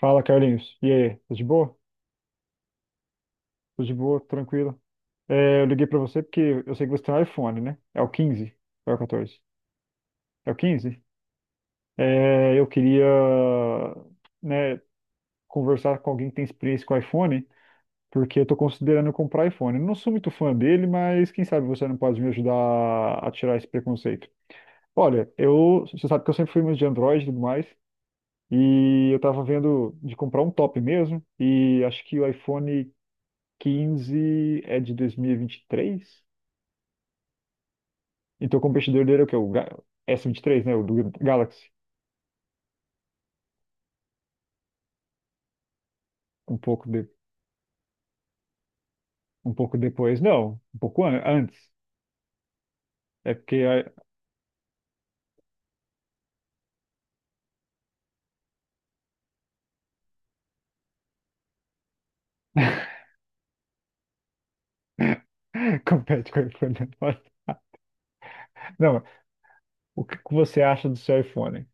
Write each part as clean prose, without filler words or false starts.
Fala, Carlinhos. E aí? Tudo de boa? Tudo de boa, tranquilo. É, eu liguei pra você porque eu sei que você tem um iPhone, né? É o quinze. Ou é o 14? É o 15. É, eu queria, né, conversar com alguém que tem experiência com iPhone, porque eu tô considerando comprar iPhone. Eu não sou muito fã dele, mas quem sabe você não pode me ajudar a tirar esse preconceito. Olha, eu, você sabe que eu sempre fui muito de Android e tudo mais, e eu tava vendo de comprar um top mesmo, e acho que o iPhone quinze é de dois mil e vinte e três. Então, o competidor dele é o quê? S vinte e três, né? O do Galaxy. Um pouco, de- Um pouco depois. Não, um pouco antes. É porque a- compete com o iPhone agora. Não, o que que você acha do seu iPhone?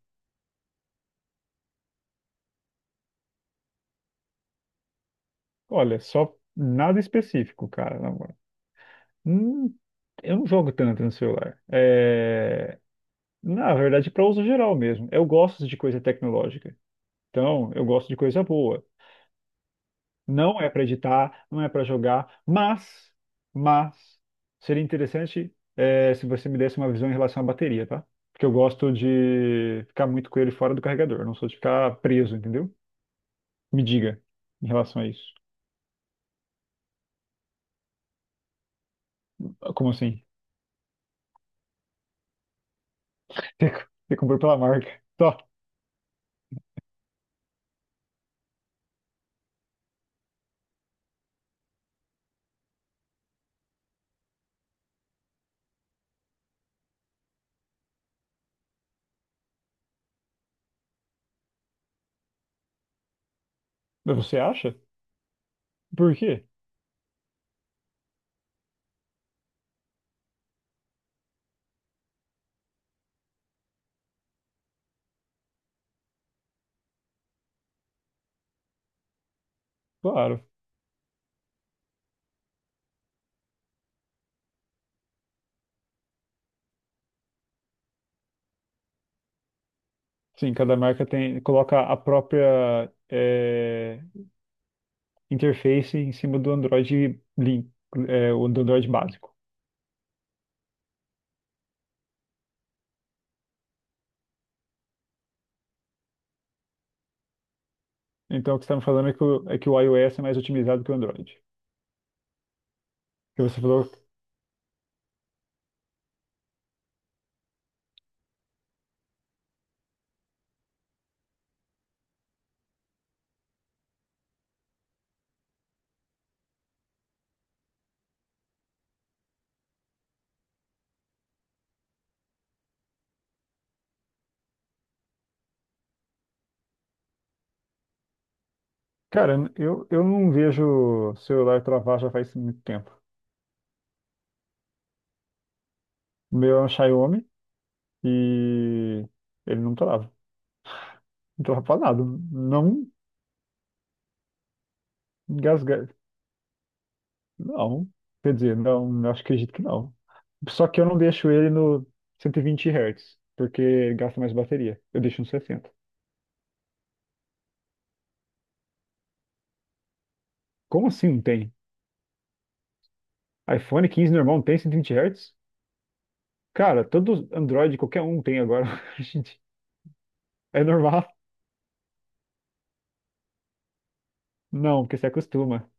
Olha, só nada específico, cara. Na moral. Hum, eu não jogo tanto no celular. É, na verdade, para uso geral mesmo. Eu gosto de coisa tecnológica. Então, eu gosto de coisa boa. Não é para editar, não é para jogar, mas seria interessante é, se você me desse uma visão em relação à bateria, tá? Porque eu gosto de ficar muito com ele fora do carregador, eu não sou de ficar preso, entendeu? Me diga em relação a isso. Ah, como assim? Você comprou pela marca? Tá. Mas você acha? Por quê? Claro. Sim, cada marca tem coloca a própria, interface em cima do Android Link, o do Android básico. Então, o que você está me falando é que o iOS é mais otimizado que o Android. Que você falou, cara, eu não vejo celular travar já faz muito tempo. O meu é um Xiaomi e ele não trava. Não trava pra nada. Não engasga. Não. Quer dizer, não, não acho que acredito que não. Só que eu não deixo ele no 120 Hz, porque gasta mais bateria. Eu deixo no sessenta. Como assim não tem? iPhone quinze normal não tem 120 Hz? Cara, todo Android, qualquer um tem agora. Gente, é normal. Não, porque você acostuma.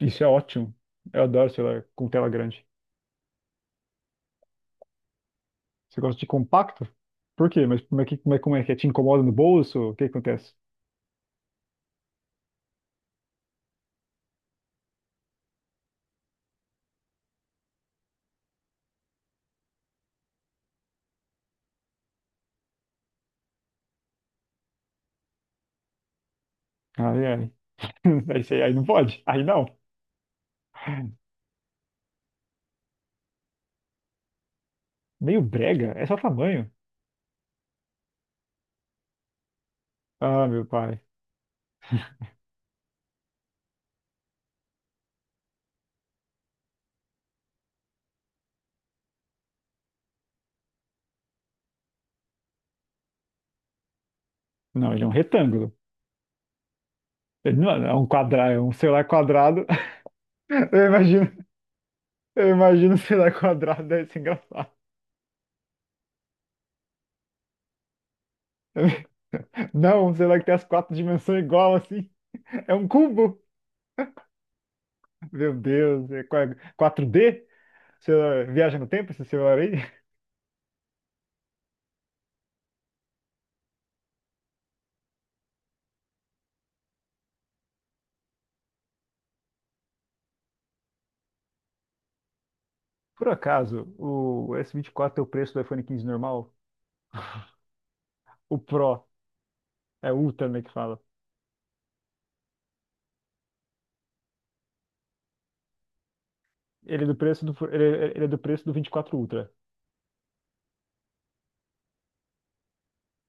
Isso é ótimo. Eu adoro celular com tela grande. Você gosta de compacto? Por quê? Mas como é que é? Te incomoda no bolso? O que acontece? Ai, ai. Aí, aí não pode. Aí não. Meio brega. É só tamanho. Ah, meu pai. Não, ele é um retângulo. Ele não é um quadrado, é um celular quadrado. Eu imagino, eu imagino um celular quadrado, deve ser engraçado. Não, um celular que tem as quatro dimensões igual assim. É um cubo. Meu Deus, 4D? Você viaja no tempo esse celular aí? Por acaso, o S24 é o preço do iPhone 15 normal? O Pro, é Ultra, né, que fala. Ele é do preço do 24 Ultra.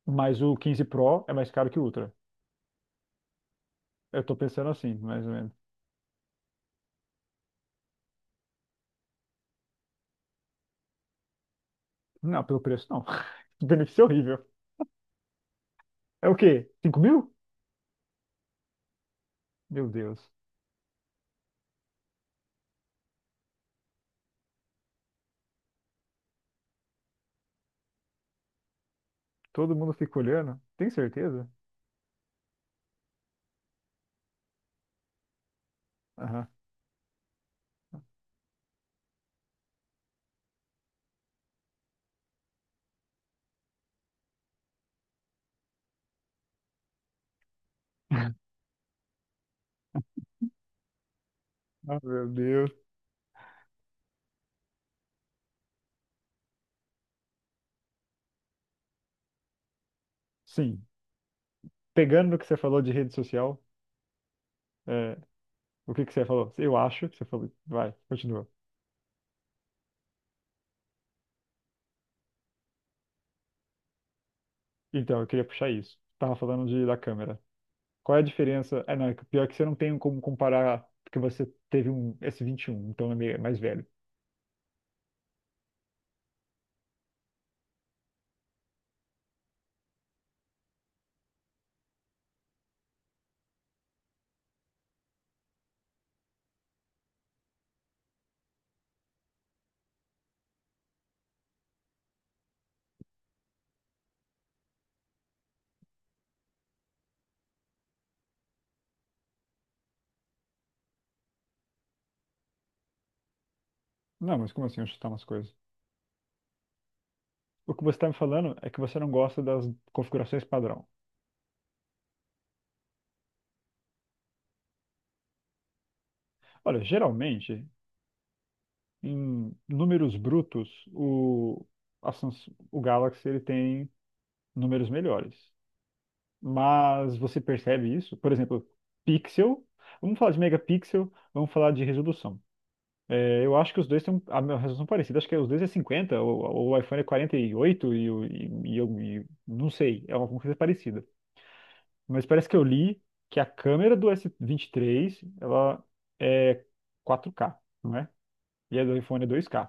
Mas o 15 Pro é mais caro que o Ultra. Eu tô pensando assim, mais ou menos. Não, pelo preço não. O benefício é horrível. É o quê? 5 mil? Meu Deus. Todo mundo fica olhando. Tem certeza? Aham. Ah, meu Deus. Sim. Pegando no que você falou de rede social, é, o que que você falou? Eu acho que você falou. Vai, continua. Então, eu queria puxar isso. Tava falando da câmera. Qual é a diferença? É, não, pior que você não tem como comparar, porque você teve um S21, então é mais velho. Não, mas como assim eu chutar umas coisas? O que você tá me falando é que você não gosta das configurações padrão. Olha, geralmente, em números brutos, o Galaxy ele tem números melhores. Mas você percebe isso? Por exemplo, pixel. Vamos falar de megapixel, vamos falar de resolução. É, eu acho que os dois têm a minha resolução parecida. Acho que os dois é 50, o iPhone é quarenta e oito, não sei, é uma coisa parecida. Mas parece que eu li que a câmera do S23 ela é 4K, não é? E a do iPhone é 2K,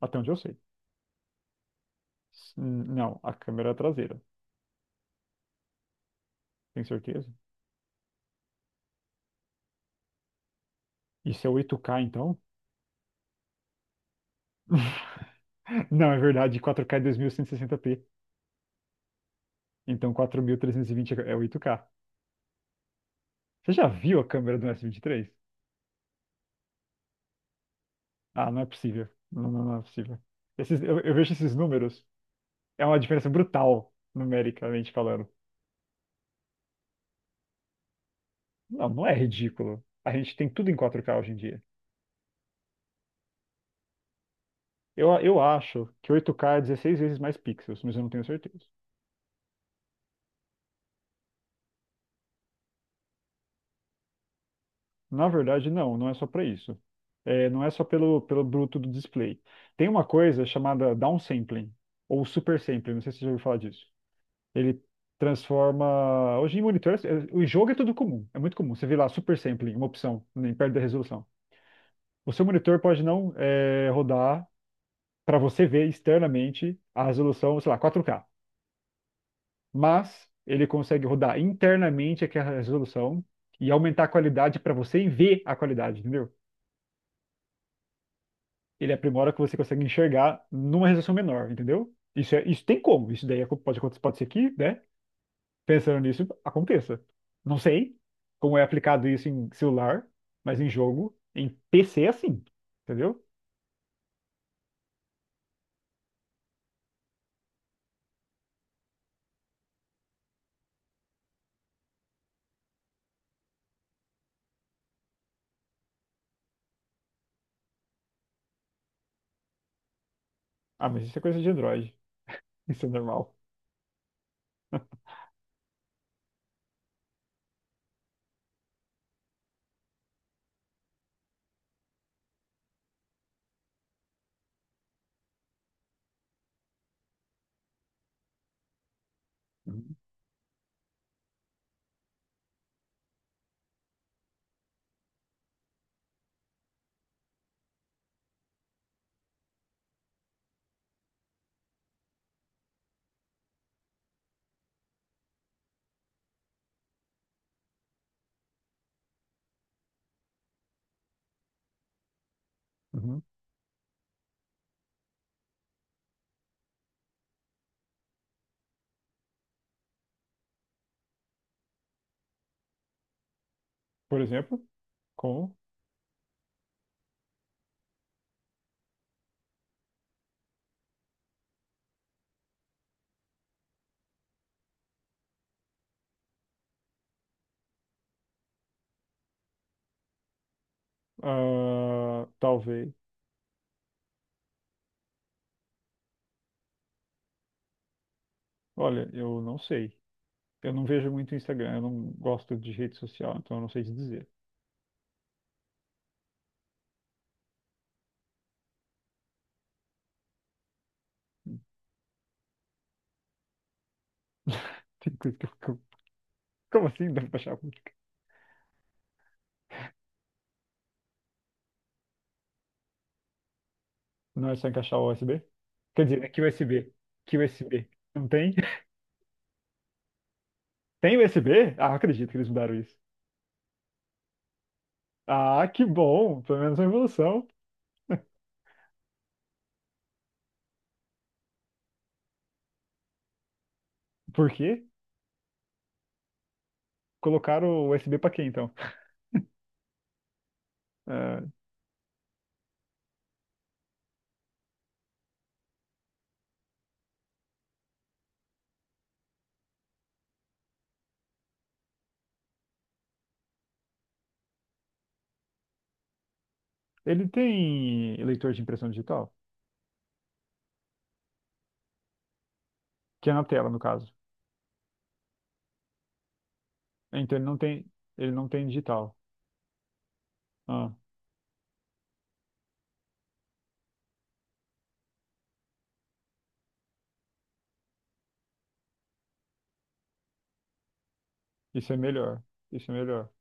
até onde eu sei. Não, a câmera é traseira, tenho certeza. Isso é 8K então? Não, é verdade, quatro k é 2160p. Então 4320 é 8K. Você já viu a câmera do s vinte e três? Ah, não é possível. Não, não, não é possível. Eu vejo esses números. É uma diferença brutal, numericamente falando. Não, não é ridículo. A gente tem tudo em 4K hoje em dia. Eu acho que 8K é 16 vezes mais pixels, mas eu não tenho certeza. Na verdade, não, não é só para isso. É, não é só pelo bruto do display. Tem uma coisa chamada downsampling, ou supersampling, não sei se você já ouviu falar disso. Ele transforma. Hoje em monitor, o jogo é tudo comum, é muito comum. Você vê lá supersampling, uma opção, nem perto da resolução. O seu monitor pode não, rodar para você ver externamente a resolução, sei lá, 4K, mas ele consegue rodar internamente aquela resolução e aumentar a qualidade para você ver a qualidade, entendeu? Ele aprimora o que você consegue enxergar numa resolução menor, entendeu? Isso, é, isso tem como, isso daí pode ser que, né? Pensando nisso, aconteça. Não sei como é aplicado isso em celular, mas em jogo, em PC é assim, entendeu? Ah, mas isso é coisa de Android, isso é normal. Uhum. Uhum. Por exemplo, como? Ah, talvez. Olha, eu não sei. Eu não vejo muito Instagram, eu não gosto de rede social, então eu não sei te dizer. Tem coisa que eu fico. Como assim? Dá pra encaixar a música? Não é só encaixar o USB? Quer dizer, é que USB. Que USB. Não tem? Tem USB? Ah, eu acredito que eles mudaram isso. Ah, que bom! Pelo menos uma evolução. Por quê? Colocaram o USB pra quê, então? Ah, ele tem leitor de impressão digital, que é na tela, no caso. Então ele não tem digital. Ah, isso é melhor. Isso é melhor.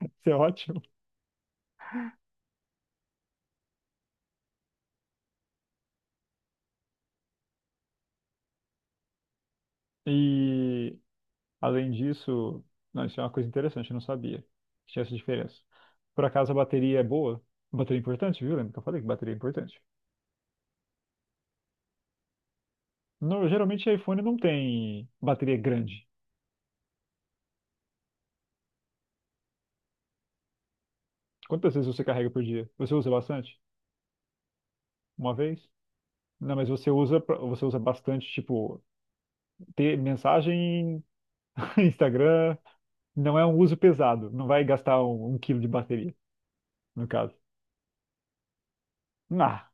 Isso é ótimo. E além disso, não, isso é uma coisa interessante, eu não sabia que tinha essa diferença. Por acaso a bateria é boa? Bateria é importante, viu? Lembra que eu falei que bateria é importante? Geralmente iPhone não tem bateria grande. Quantas vezes você carrega por dia? Você usa bastante? Uma vez? Não, mas você usa bastante, tipo, ter mensagem, Instagram. Não é um uso pesado. Não vai gastar um quilo de bateria, no caso. Nah.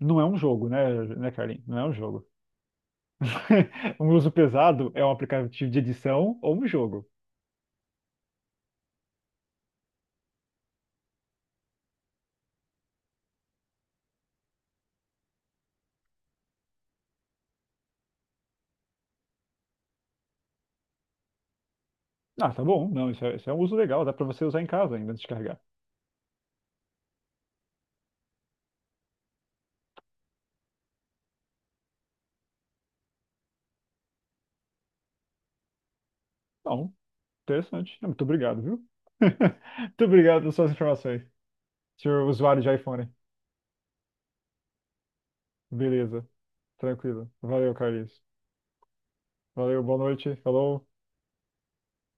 Não é um jogo, né, Carlinhos? Não é um jogo. Um uso pesado é um aplicativo de edição ou um jogo. Ah, tá bom. Não, isso é um uso legal. Dá pra você usar em casa ainda antes de carregar. Bom, interessante. É, muito obrigado, viu? Muito obrigado pelas suas informações, senhor usuário de iPhone. Beleza. Tranquilo. Valeu, Carlinhos. Valeu, boa noite. Falou.